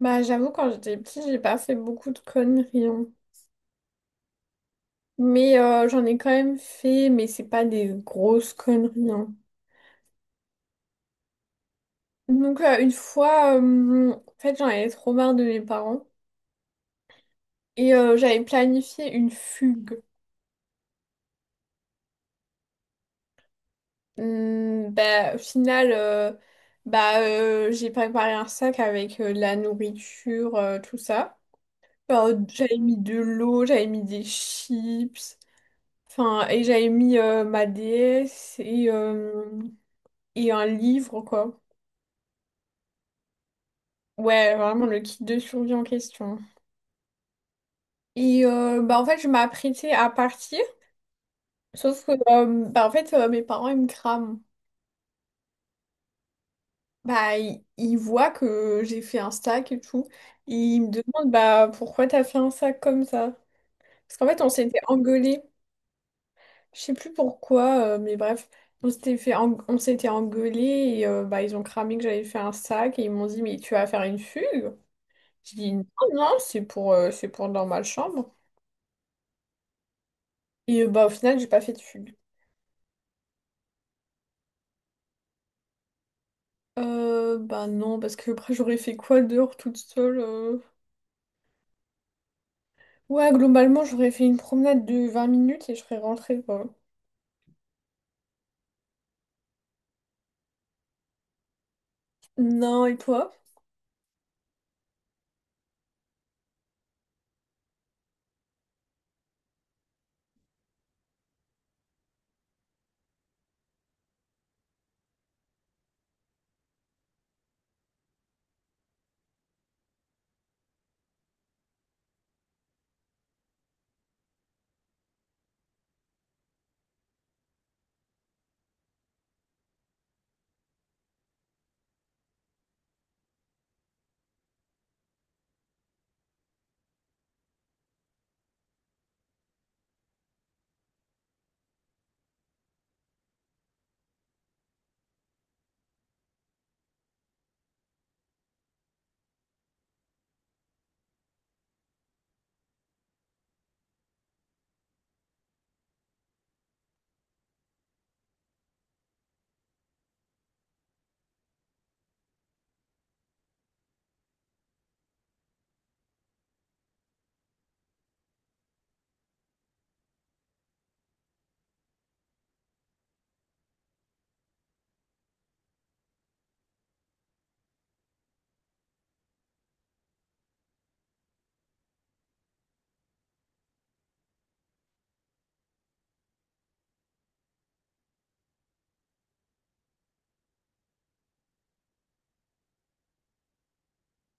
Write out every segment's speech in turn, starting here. Bah, j'avoue, quand j'étais petite, j'ai pas fait beaucoup de conneries, hein. Mais j'en ai quand même fait, mais c'est pas des grosses conneries, hein. Donc, une fois, en fait, j'en avais trop marre de mes parents. J'avais planifié une fugue. Bah, au final, bah, J'ai préparé un sac avec de la nourriture, tout ça. Bah, j'avais mis de l'eau, j'avais mis des chips. Enfin, et j'avais mis ma déesse et un livre, quoi. Ouais, vraiment le kit de survie en question. En fait, je m'apprêtais à partir, sauf que mes parents, ils me crament. Bah, ils voient que j'ai fait un sac et tout. Et ils me demandent, bah, pourquoi t'as fait un sac comme ça? Parce qu'en fait, on s'était engueulés. Je sais plus pourquoi, mais bref, on s'était engueulés bah, ils ont cramé que j'avais fait un sac et ils m'ont dit, mais tu vas faire une fugue? J'ai dit, non, non, c'est pour dans ma chambre. Bah au final, j'ai pas fait de fugue. Bah non, parce que après j'aurais fait quoi dehors toute seule. Ouais, globalement, j'aurais fait une promenade de 20 minutes et je serais rentrée, quoi. Non, et toi?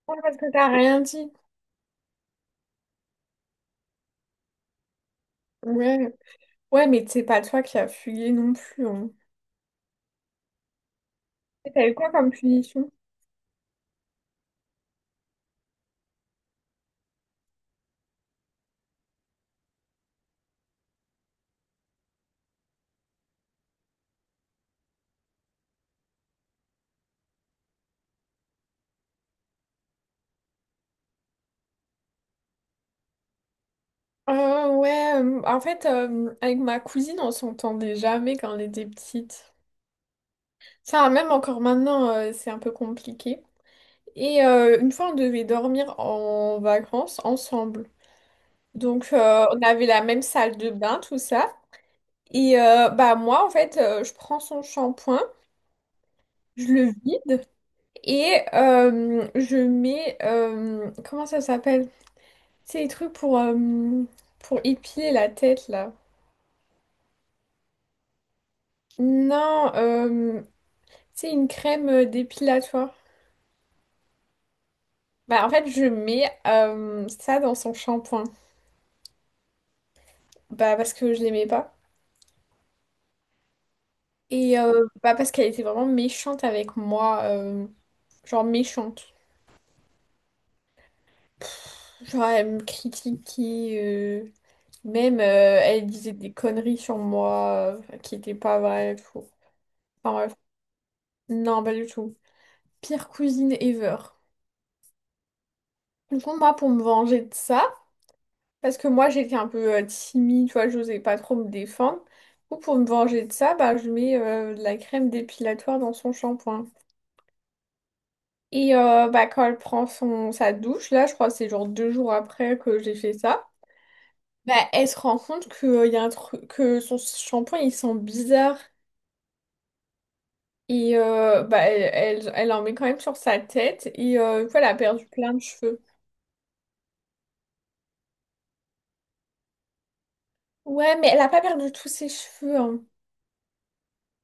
Ouais, parce que t'as rien dit. Ouais. Ouais, mais c'est pas toi qui as fugué non plus, hein. Et t'as eu quoi comme punition? Ouais, en fait, avec ma cousine, on s'entendait jamais quand on était petite. Ça, même encore maintenant, c'est un peu compliqué. Une fois, on devait dormir en vacances ensemble. Donc, on avait la même salle de bain, tout ça. Moi, en fait, je prends son shampoing, je le vide et je mets... comment ça s'appelle? C'est les trucs pour épiler la tête, là. Non, c'est une crème dépilatoire. Bah en fait, je mets ça dans son shampoing. Bah parce que je l'aimais pas. Bah parce qu'elle était vraiment méchante avec moi, genre méchante. Genre, elle me critiquait, euh, même elle disait des conneries sur moi qui n'étaient pas vraies, et tout. Enfin bref, non, pas du tout. Pire cousine ever. Du coup, moi, pour me venger de ça, parce que moi, j'étais un peu timide, tu vois, j'osais pas trop me défendre. Du coup, pour me venger de ça, bah, je mets de la crème dépilatoire dans son shampoing. Bah, quand elle prend sa douche, là, je crois que c'est genre 2 jours après que j'ai fait ça. Bah, elle se rend compte que, y a un truc, que son shampoing il sent bizarre bah, elle en met quand même sur sa tête et du coup, elle a perdu plein de cheveux. Ouais, mais elle a pas perdu tous ses cheveux, hein.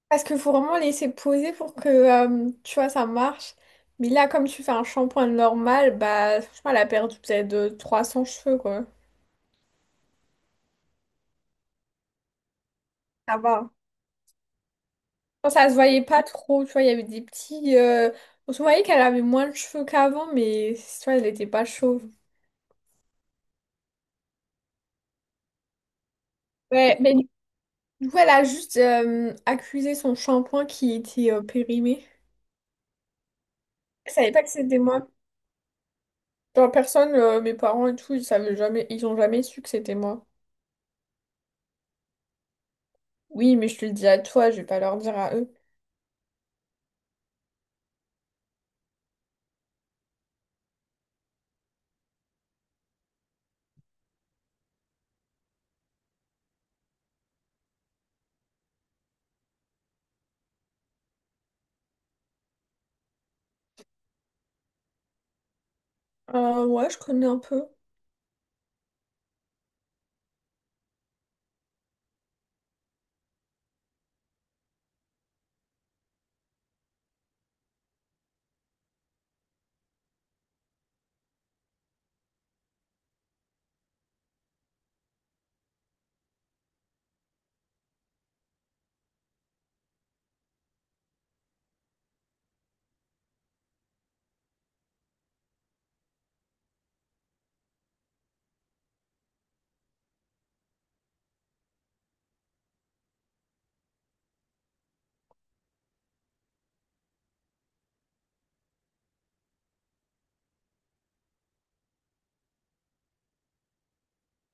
Parce qu'il faut vraiment laisser poser pour que tu vois ça marche. Mais là, comme tu fais un shampoing normal, bah franchement, elle a perdu peut-être 300 cheveux quoi. Ça va. Enfin, ça se voyait pas trop, tu vois, il y avait des petits. On se voyait qu'elle avait moins de cheveux qu'avant, mais tu vois, elle n'était pas chauve. Ouais, mais voilà, juste accuser son shampoing qui était périmé. Je savais pas que c'était moi. Genre, personne, mes parents et tout, ils savaient jamais, ils ont jamais su que c'était moi. Oui, mais je te le dis à toi, je vais pas leur dire à eux. Ouais, je connais un peu.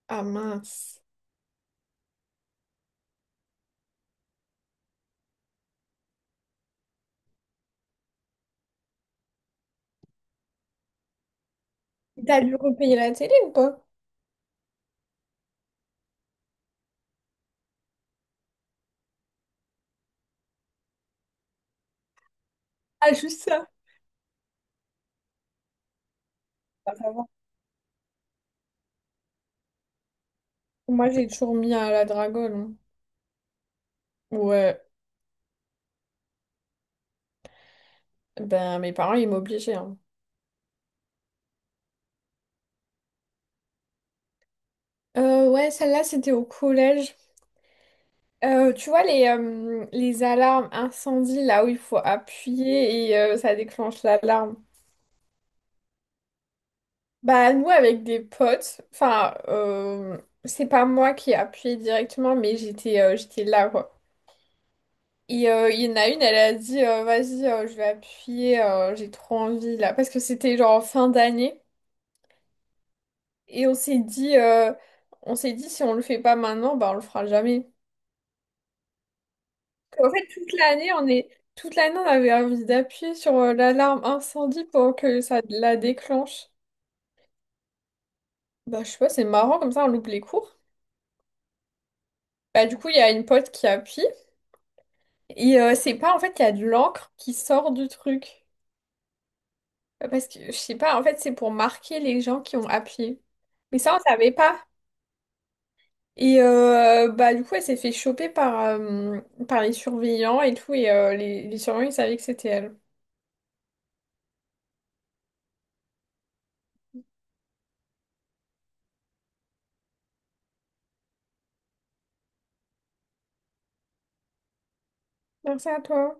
Ah mince. T'as dû repayer la télé ou pas? Ah, juste ça. Pas savoir. Moi, j'ai toujours mis à la dragone, hein. Ouais, ben mes parents, ils m'obligeaient, hein. Ouais, celle-là, c'était au collège. Tu vois les alarmes incendie là où il faut appuyer et ça déclenche l'alarme. Bah nous avec des potes, c'est pas moi qui ai appuyé directement mais j'étais j'étais là quoi. Il y en a une, elle a dit vas-y je vais appuyer, j'ai trop envie là parce que c'était genre en fin d'année et on s'est dit si on le fait pas maintenant bah on le fera jamais. En fait, toute l'année, on est... toute l'année, on avait envie d'appuyer sur l'alarme incendie pour que ça la déclenche. Bah, je sais pas, c'est marrant, comme ça, on loupe les cours. Bah, du coup, il y a une pote qui appuie. C'est pas, en fait, il y a de l'encre qui sort du truc. Parce que, je sais pas, en fait, c'est pour marquer les gens qui ont appuyé. Mais ça, on savait pas. Bah, du coup, elle s'est fait choper par, par les surveillants et tout. Les surveillants, ils savaient que c'était elle. Merci à toi.